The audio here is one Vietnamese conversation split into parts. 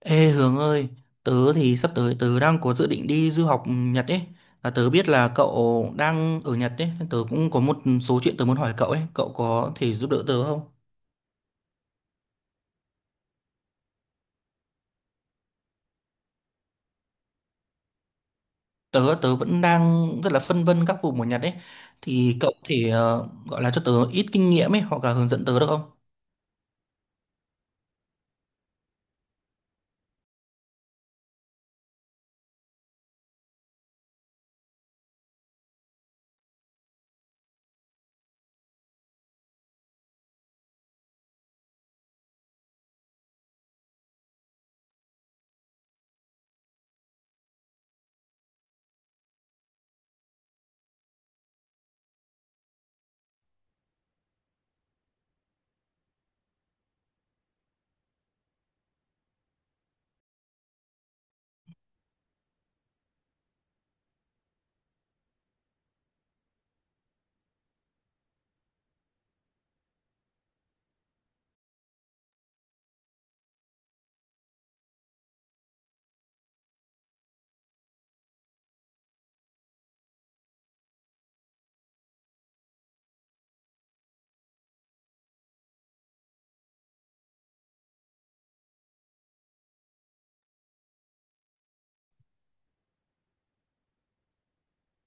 Ê Hướng ơi, tớ thì sắp tới tớ đang có dự định đi du học Nhật ấy. Và tớ biết là cậu đang ở Nhật ấy, nên tớ cũng có một số chuyện tớ muốn hỏi cậu ấy, cậu có thể giúp đỡ tớ không? Tớ tớ vẫn đang rất là phân vân các vùng ở Nhật ấy. Thì cậu có thể gọi là cho tớ ít kinh nghiệm ấy hoặc là hướng dẫn tớ được không?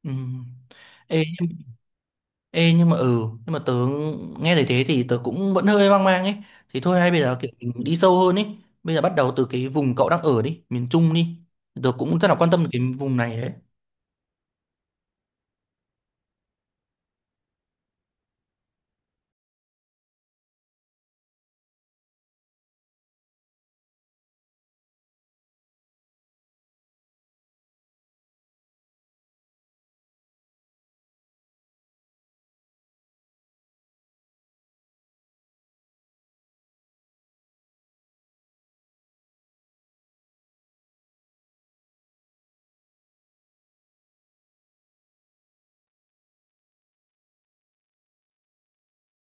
Ừ. Ê Ê nhưng mà nhưng mà tớ nghe thấy thế thì tớ cũng vẫn hơi hoang mang ấy, thì thôi hay bây giờ kiểu mình đi sâu hơn ấy, bây giờ bắt đầu từ cái vùng cậu đang ở đi, miền Trung đi, tớ cũng rất là quan tâm đến cái vùng này đấy.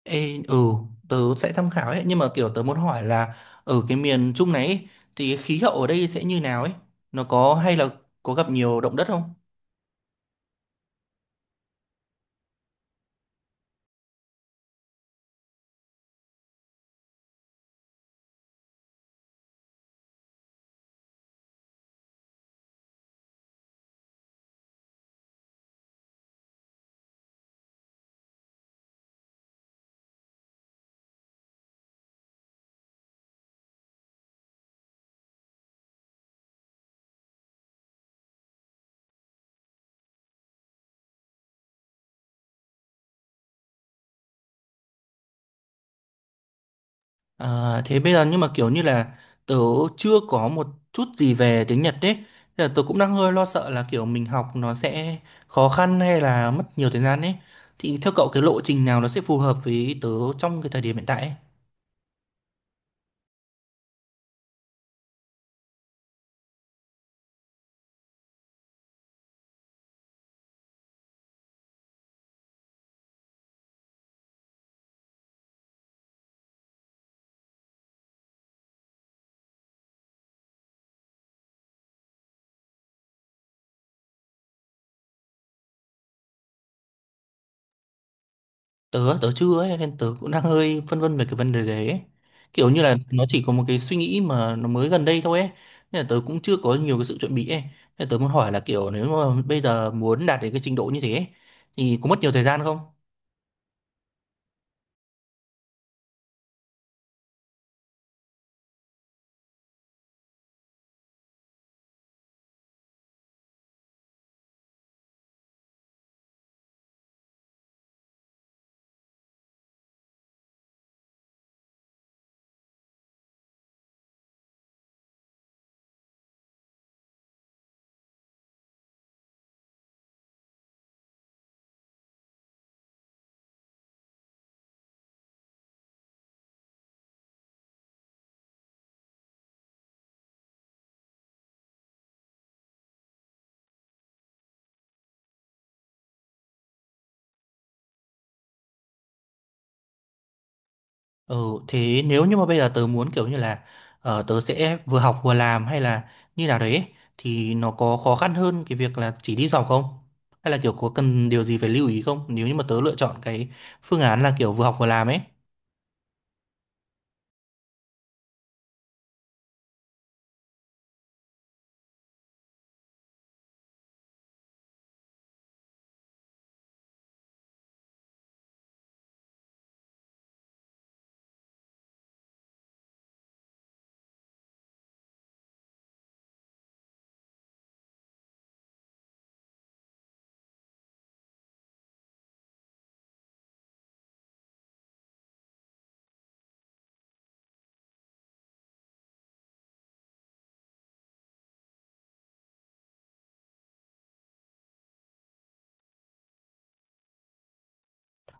Ê, ừ, tớ sẽ tham khảo ấy, nhưng mà kiểu tớ muốn hỏi là ở cái miền Trung này ấy, thì cái khí hậu ở đây sẽ như nào ấy, nó có hay là có gặp nhiều động đất không? À, thế bây giờ nhưng mà kiểu như là tớ chưa có một chút gì về tiếng Nhật đấy. Nên là tớ cũng đang hơi lo sợ là kiểu mình học nó sẽ khó khăn hay là mất nhiều thời gian ấy. Thì theo cậu cái lộ trình nào nó sẽ phù hợp với tớ trong cái thời điểm hiện tại ấy? Tớ tớ chưa ấy, nên tớ cũng đang hơi phân vân về cái vấn đề đấy ấy. Kiểu như là nó chỉ có một cái suy nghĩ mà nó mới gần đây thôi ấy. Nên là tớ cũng chưa có nhiều cái sự chuẩn bị ấy. Nên là tớ muốn hỏi là kiểu nếu mà bây giờ muốn đạt đến cái trình độ như thế ấy, thì có mất nhiều thời gian không? Ừ, thế nếu như mà bây giờ tớ muốn kiểu như là tớ sẽ vừa học vừa làm hay là như nào đấy ấy, thì nó có khó khăn hơn cái việc là chỉ đi du học không? Hay là kiểu có cần điều gì phải lưu ý không? Nếu như mà tớ lựa chọn cái phương án là kiểu vừa học vừa làm ấy.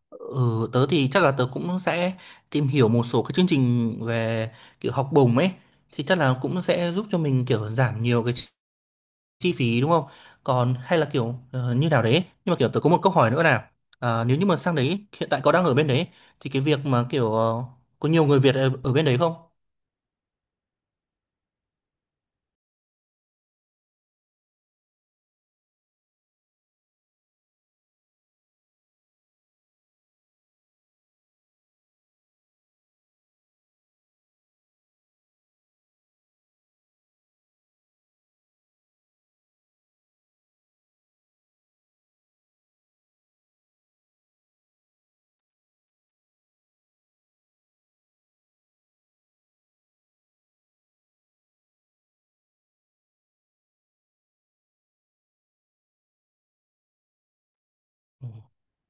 Ừ, tớ thì chắc là tớ cũng sẽ tìm hiểu một số cái chương trình về kiểu học bổng ấy, thì chắc là cũng sẽ giúp cho mình kiểu giảm nhiều cái chi phí đúng không, còn hay là kiểu như nào đấy, nhưng mà kiểu tôi có một câu hỏi nữa là à, nếu như mà sang đấy hiện tại có đang ở bên đấy thì cái việc mà kiểu có nhiều người Việt ở bên đấy không?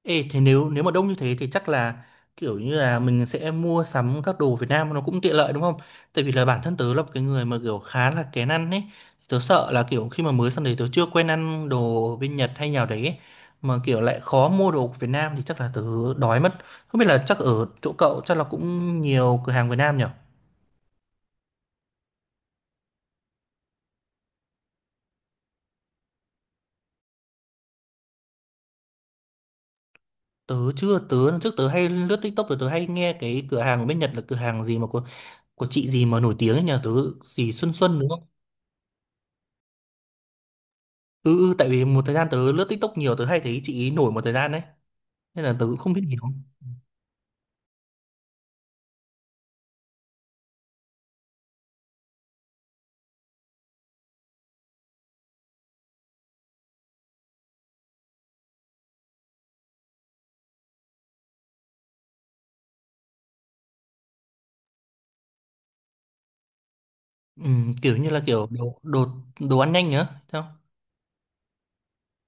Ê, thế nếu nếu mà đông như thế thì chắc là kiểu như là mình sẽ mua sắm các đồ Việt Nam nó cũng tiện lợi đúng không? Tại vì là bản thân tớ là một cái người mà kiểu khá là kén ăn ấy. Tớ sợ là kiểu khi mà mới sang đấy tớ chưa quen ăn đồ bên Nhật hay nào đấy ấy. Mà kiểu lại khó mua đồ của Việt Nam thì chắc là tớ đói mất. Không biết là chắc ở chỗ cậu chắc là cũng nhiều cửa hàng Việt Nam nhỉ? Tớ chưa, trước tớ hay lướt TikTok rồi tớ hay nghe cái cửa hàng ở bên Nhật là cửa hàng gì mà của chị gì mà nổi tiếng ấy nhỉ? Tớ gì Xuân Xuân đúng không? Ừ, ừ, tại vì một thời gian tớ lướt TikTok nhiều tớ hay thấy chị ý nổi một thời gian đấy, nên là tớ cũng không biết nhiều. Ừ, kiểu như là kiểu đồ đồ đồ ăn nhanh nhá sao.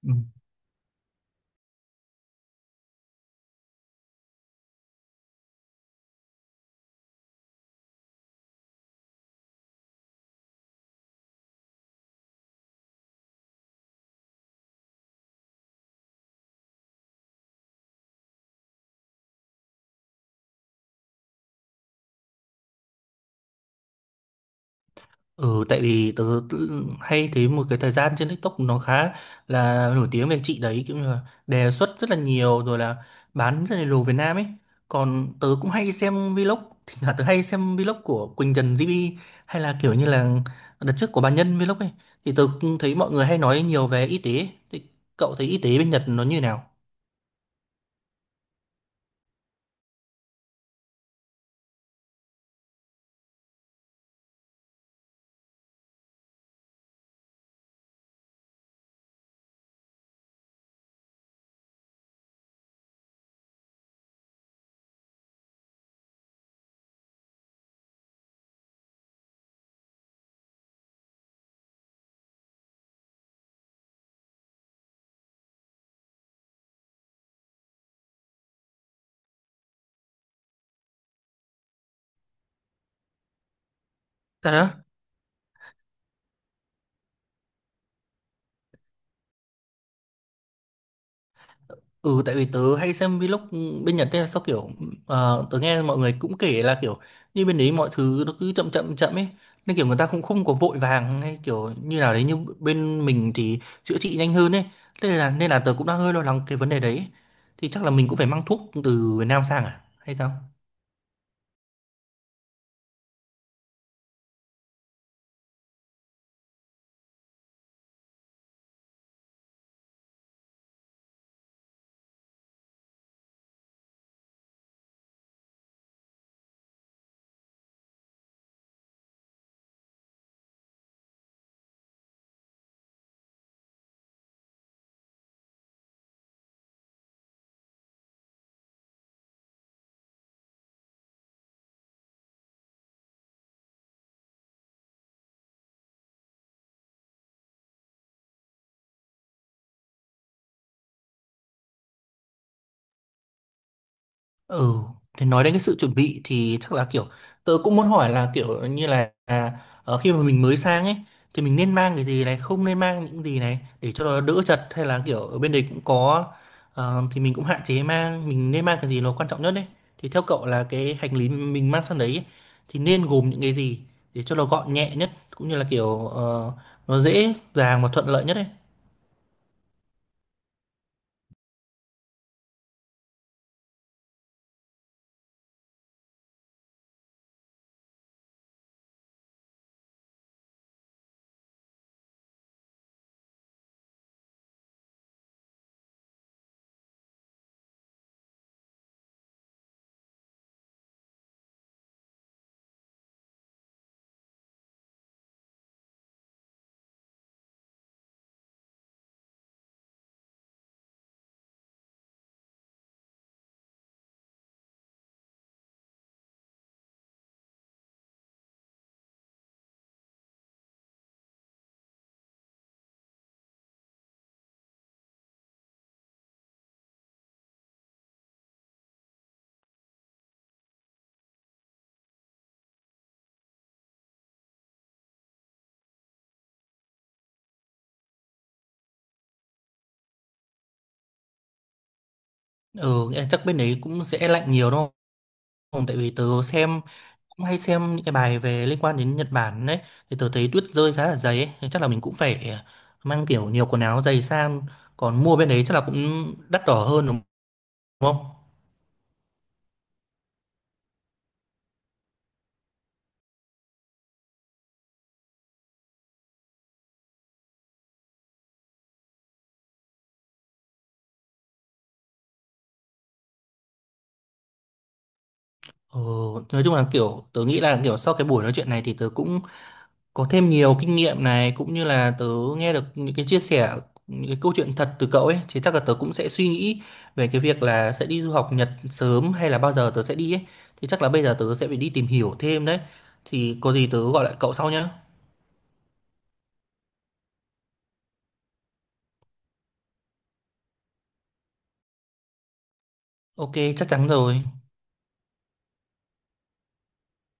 Ừ. Ừ, tại vì hay thấy một cái thời gian trên TikTok nó khá là nổi tiếng về chị đấy, kiểu như là đề xuất rất là nhiều, rồi là bán rất là đồ Việt Nam ấy. Còn tớ cũng hay xem vlog, thì là tớ hay xem vlog của Quỳnh Trần GB hay là kiểu như là đợt trước của bà Nhân vlog ấy. Thì tớ cũng thấy mọi người hay nói nhiều về y tế ấy. Thì cậu thấy y tế bên Nhật nó như nào? Thật đó. Ừ, tại vì tớ hay xem vlog bên Nhật ấy, sao kiểu tớ nghe mọi người cũng kể là kiểu như bên đấy mọi thứ nó cứ chậm chậm chậm ấy, nên kiểu người ta cũng không có vội vàng hay kiểu như nào đấy, như bên mình thì chữa trị nhanh hơn ấy, nên là tớ cũng đang hơi lo lắng cái vấn đề đấy, thì chắc là mình cũng phải mang thuốc từ Việt Nam sang à hay sao? Ừ, thì nói đến cái sự chuẩn bị thì chắc là kiểu tớ cũng muốn hỏi là kiểu như là à, khi mà mình mới sang ấy thì mình nên mang cái gì này, không nên mang những gì này để cho nó đỡ chật, hay là kiểu ở bên đấy cũng có thì mình cũng hạn chế mang, mình nên mang cái gì nó quan trọng nhất đấy. Thì theo cậu là cái hành lý mình mang sang đấy ấy, thì nên gồm những cái gì để cho nó gọn nhẹ nhất cũng như là kiểu nó dễ dàng và thuận lợi nhất đấy. Ừ, nghĩa là chắc bên đấy cũng sẽ lạnh nhiều đúng không? Tại vì tớ xem, cũng hay xem những cái bài về liên quan đến Nhật Bản đấy, thì tớ thấy tuyết rơi khá là dày ấy. Thì chắc là mình cũng phải à, mang kiểu nhiều quần áo dày sang, còn mua bên đấy chắc là cũng đắt đỏ hơn đúng không? ờ, nói chung là kiểu tớ nghĩ là kiểu sau cái buổi nói chuyện này thì tớ cũng có thêm nhiều kinh nghiệm này, cũng như là tớ nghe được những cái chia sẻ, những cái câu chuyện thật từ cậu ấy, thì chắc là tớ cũng sẽ suy nghĩ về cái việc là sẽ đi du học Nhật sớm hay là bao giờ tớ sẽ đi ấy, thì chắc là bây giờ tớ sẽ phải đi tìm hiểu thêm đấy, thì có gì tớ gọi lại cậu sau nhé. Ok, chắc chắn rồi.